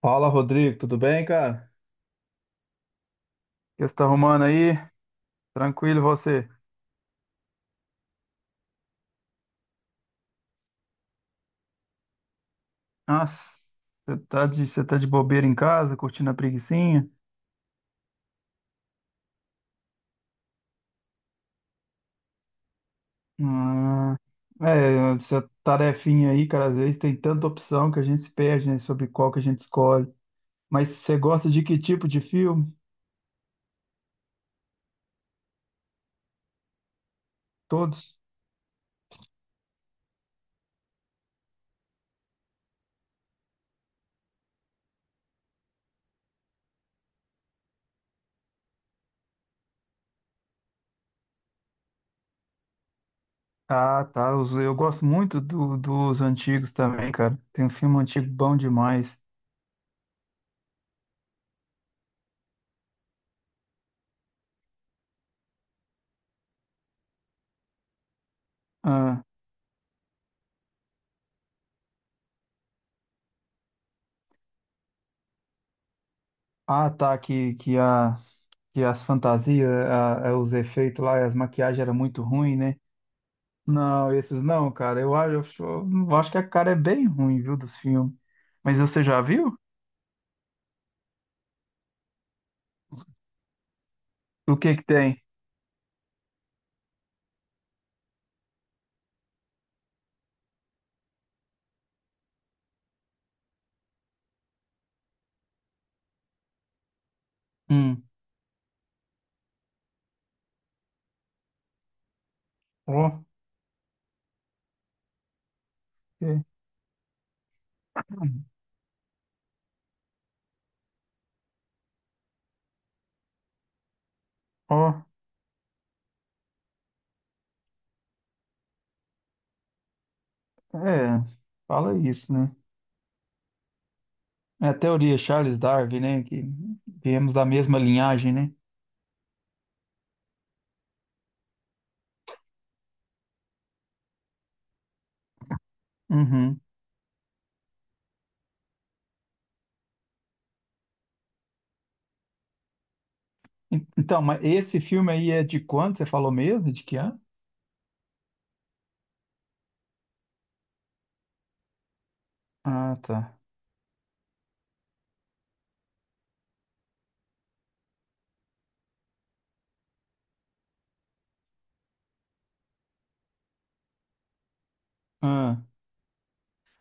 Fala, Rodrigo, tudo bem, cara? O que você tá arrumando aí? Tranquilo, você? Nossa, você tá de bobeira em casa, curtindo a preguicinha? Ah, é, essa tarefinha aí, cara, às vezes tem tanta opção que a gente se perde, né, sobre qual que a gente escolhe. Mas você gosta de que tipo de filme? Todos? Ah, tá, eu gosto muito dos antigos também, cara. Tem um filme antigo bom demais. Ah, ah, tá, que as fantasias, os efeitos lá, as maquiagens eram muito ruim, né? Não, esses não, cara. Eu acho que a cara é bem ruim, viu, dos filmes. Mas você já viu? O que que tem? Hum. Ó, é, ó, é, fala isso, né? É a teoria Charles Darwin, né? Que viemos da mesma linhagem, né? Uhum. Então, mas esse filme aí é de quando? Você falou mesmo? De que ano? Ah, tá. Ah.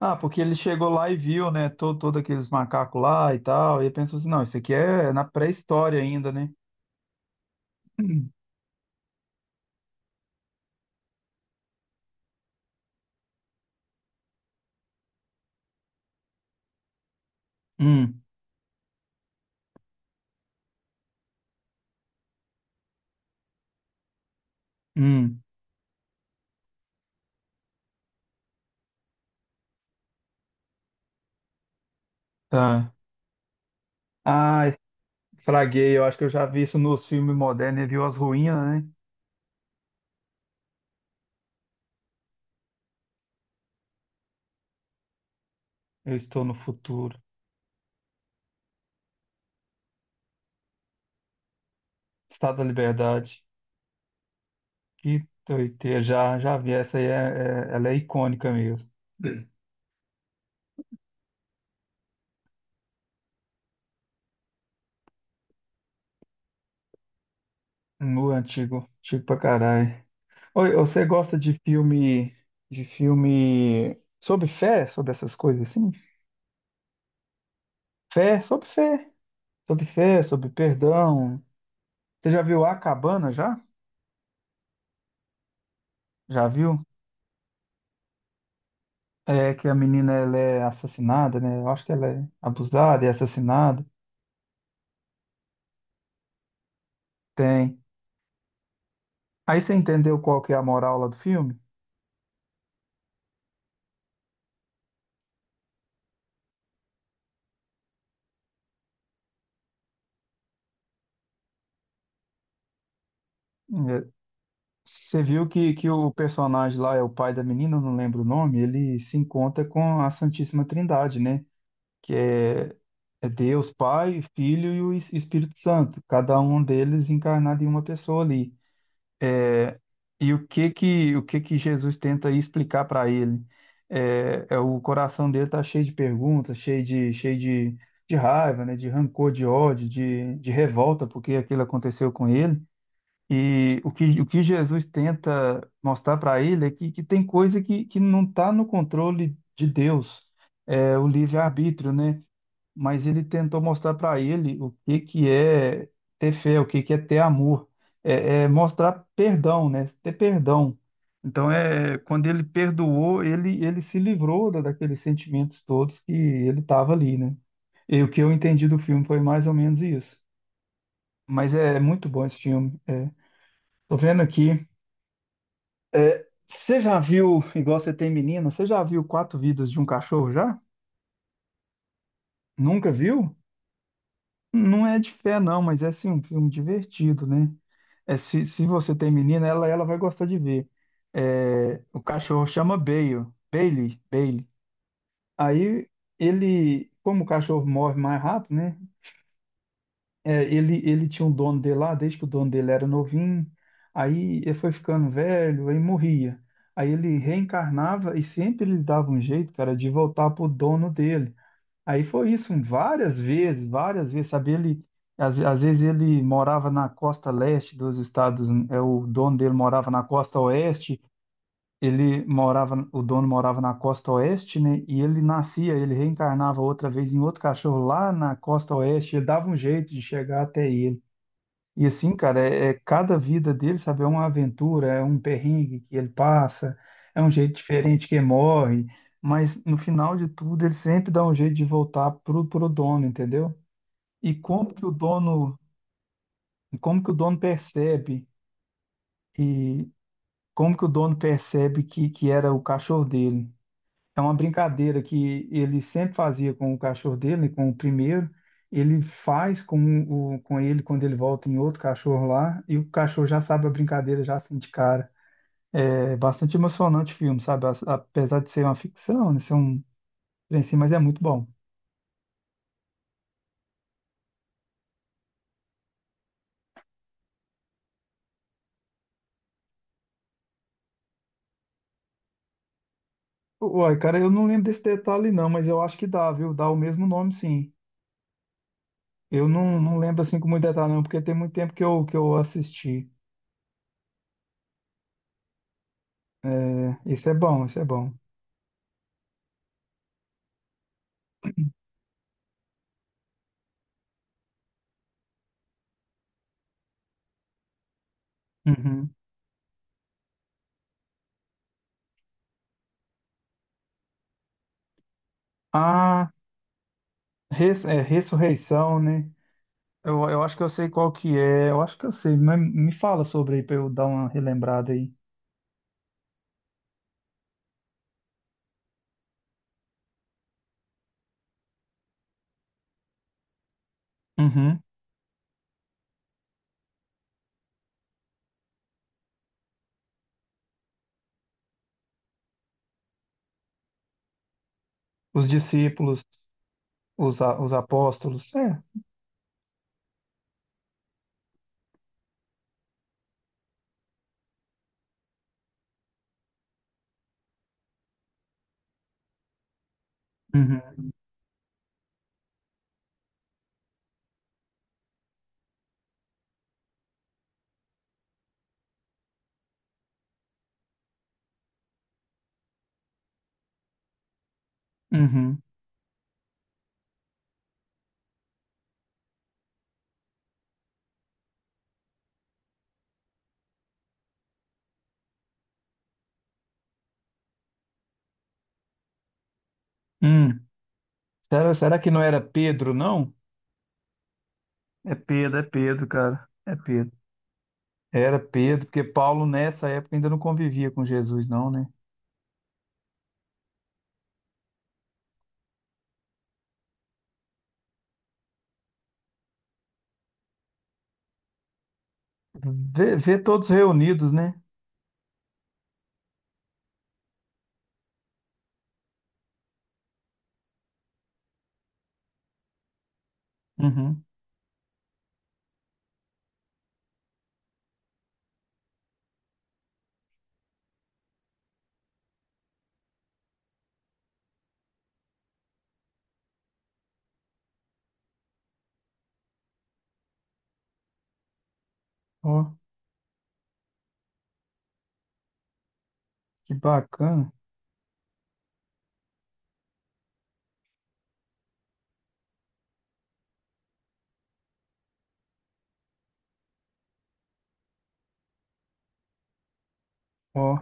Ah, porque ele chegou lá e viu, né, todo aqueles macacos lá e tal, e ele pensou assim, não, isso aqui é na pré-história ainda, né? Hum, hum, hum, tá. Ai, fraguei, eu acho que eu já vi isso nos filmes modernos, ele viu as ruínas, né? Eu estou no futuro, Estado da Liberdade, que doideira, já vi, essa aí é, ela é icônica mesmo, no antigo, antigo pra caralho. Oi, você gosta de filme sobre fé, sobre essas coisas assim? Fé, sobre fé. Sobre fé, sobre perdão. Você já viu A Cabana já? Já viu? É que a menina ela é assassinada, né? Eu acho que ela é abusada e assassinada. Tem. Aí você entendeu qual que é a moral lá do filme? É, você viu que o personagem lá é o pai da menina, eu não lembro o nome, ele se encontra com a Santíssima Trindade, né? Que é, é Deus, Pai, Filho e o Espírito Santo, cada um deles encarnado em uma pessoa ali. É, e o que que Jesus tenta aí explicar para ele? É, é, o coração dele tá cheio de perguntas, cheio de de, raiva, né? De rancor, de ódio, de revolta porque aquilo aconteceu com ele. E o que Jesus tenta mostrar para ele é que tem coisa que não está no controle de Deus, é o livre-arbítrio, né? Mas ele tentou mostrar para ele o que que é ter fé, o que que é ter amor, é, é mostrar perdão, né? Ter perdão. Então é quando ele perdoou, ele se livrou da, daqueles sentimentos todos que ele estava ali, né? E o que eu entendi do filme foi mais ou menos isso. Mas é muito bom esse filme. É. Tô vendo aqui. É, você já viu, igual você tem menina, você já viu Quatro Vidas de um Cachorro já? Nunca viu? Não é de fé, não, mas é assim, um filme divertido, né? É, se você tem menina, ela vai gostar de ver. É, o cachorro chama Bale, Bailey. Aí ele, como o cachorro morre mais rápido, né? É, ele tinha um dono dele lá, desde que o dono dele era novinho. Aí ele foi ficando velho, aí morria. Aí ele reencarnava e sempre ele dava um jeito, cara, de voltar pro dono dele. Aí foi isso, várias vezes, sabe? Ele, às vezes ele morava na costa leste dos Estados, é o dono dele morava na costa oeste, ele morava, o dono morava na costa oeste, né? E ele nascia, ele reencarnava outra vez em outro cachorro lá na costa oeste, ele dava um jeito de chegar até ele. E assim, cara, é cada vida dele, sabe, é uma aventura, é um perrengue que ele passa, é um jeito diferente que ele morre, mas no final de tudo ele sempre dá um jeito de voltar pro, pro dono, entendeu? E como que o dono, como que o dono percebe e como que o dono percebe que era o cachorro dele? É uma brincadeira que ele sempre fazia com o cachorro dele, com o primeiro. Ele faz com, o, com ele quando ele volta em outro cachorro lá, e o cachorro já sabe a brincadeira, já sente cara. É bastante emocionante o filme, sabe? Apesar de ser uma ficção, né? Ser um trem assim, mas é muito bom. Uai, cara, eu não lembro desse detalhe não, mas eu acho que dá, viu? Dá o mesmo nome, sim. Eu não, não lembro assim com muito detalhe não, porque tem muito tempo que eu assisti. É, esse é bom, esse é bom. Uhum. Ah. É, Ressurreição, né? Eu acho que eu sei qual que é, eu acho que eu sei, mas me fala sobre aí para eu dar uma relembrada aí. Uhum. Os discípulos, os apóstolos, é. Uhum. Uhum. Hum. Será que não era Pedro, não? É Pedro, cara. É Pedro. Era Pedro, porque Paulo nessa época ainda não convivia com Jesus, não, né? Vê todos reunidos, né? Uhum. Ó, que bacana. Ó.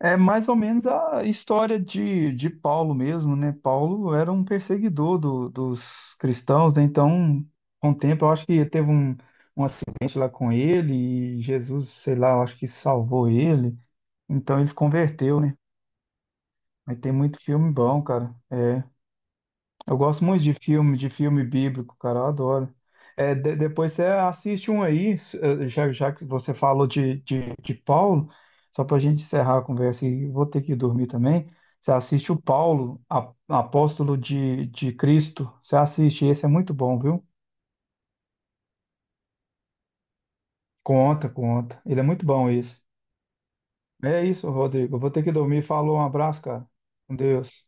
É mais ou menos a história de Paulo mesmo, né? Paulo era um perseguidor dos cristãos, né? Então, com o tempo, eu acho que teve um, um acidente lá com ele e Jesus, sei lá, eu acho que salvou ele. Então, ele se converteu, né? Mas tem muito filme bom, cara. É. Eu gosto muito de filme bíblico, cara, eu adoro. É, depois você assiste um aí, já que você falou de de Paulo, só para a gente encerrar a conversa e vou ter que dormir também. Você assiste o Paulo, apóstolo de Cristo. Você assiste, esse é muito bom, viu? Conta, conta. Ele é muito bom, esse. É isso, Rodrigo. Eu vou ter que dormir. Falou, um abraço, cara. Com Deus.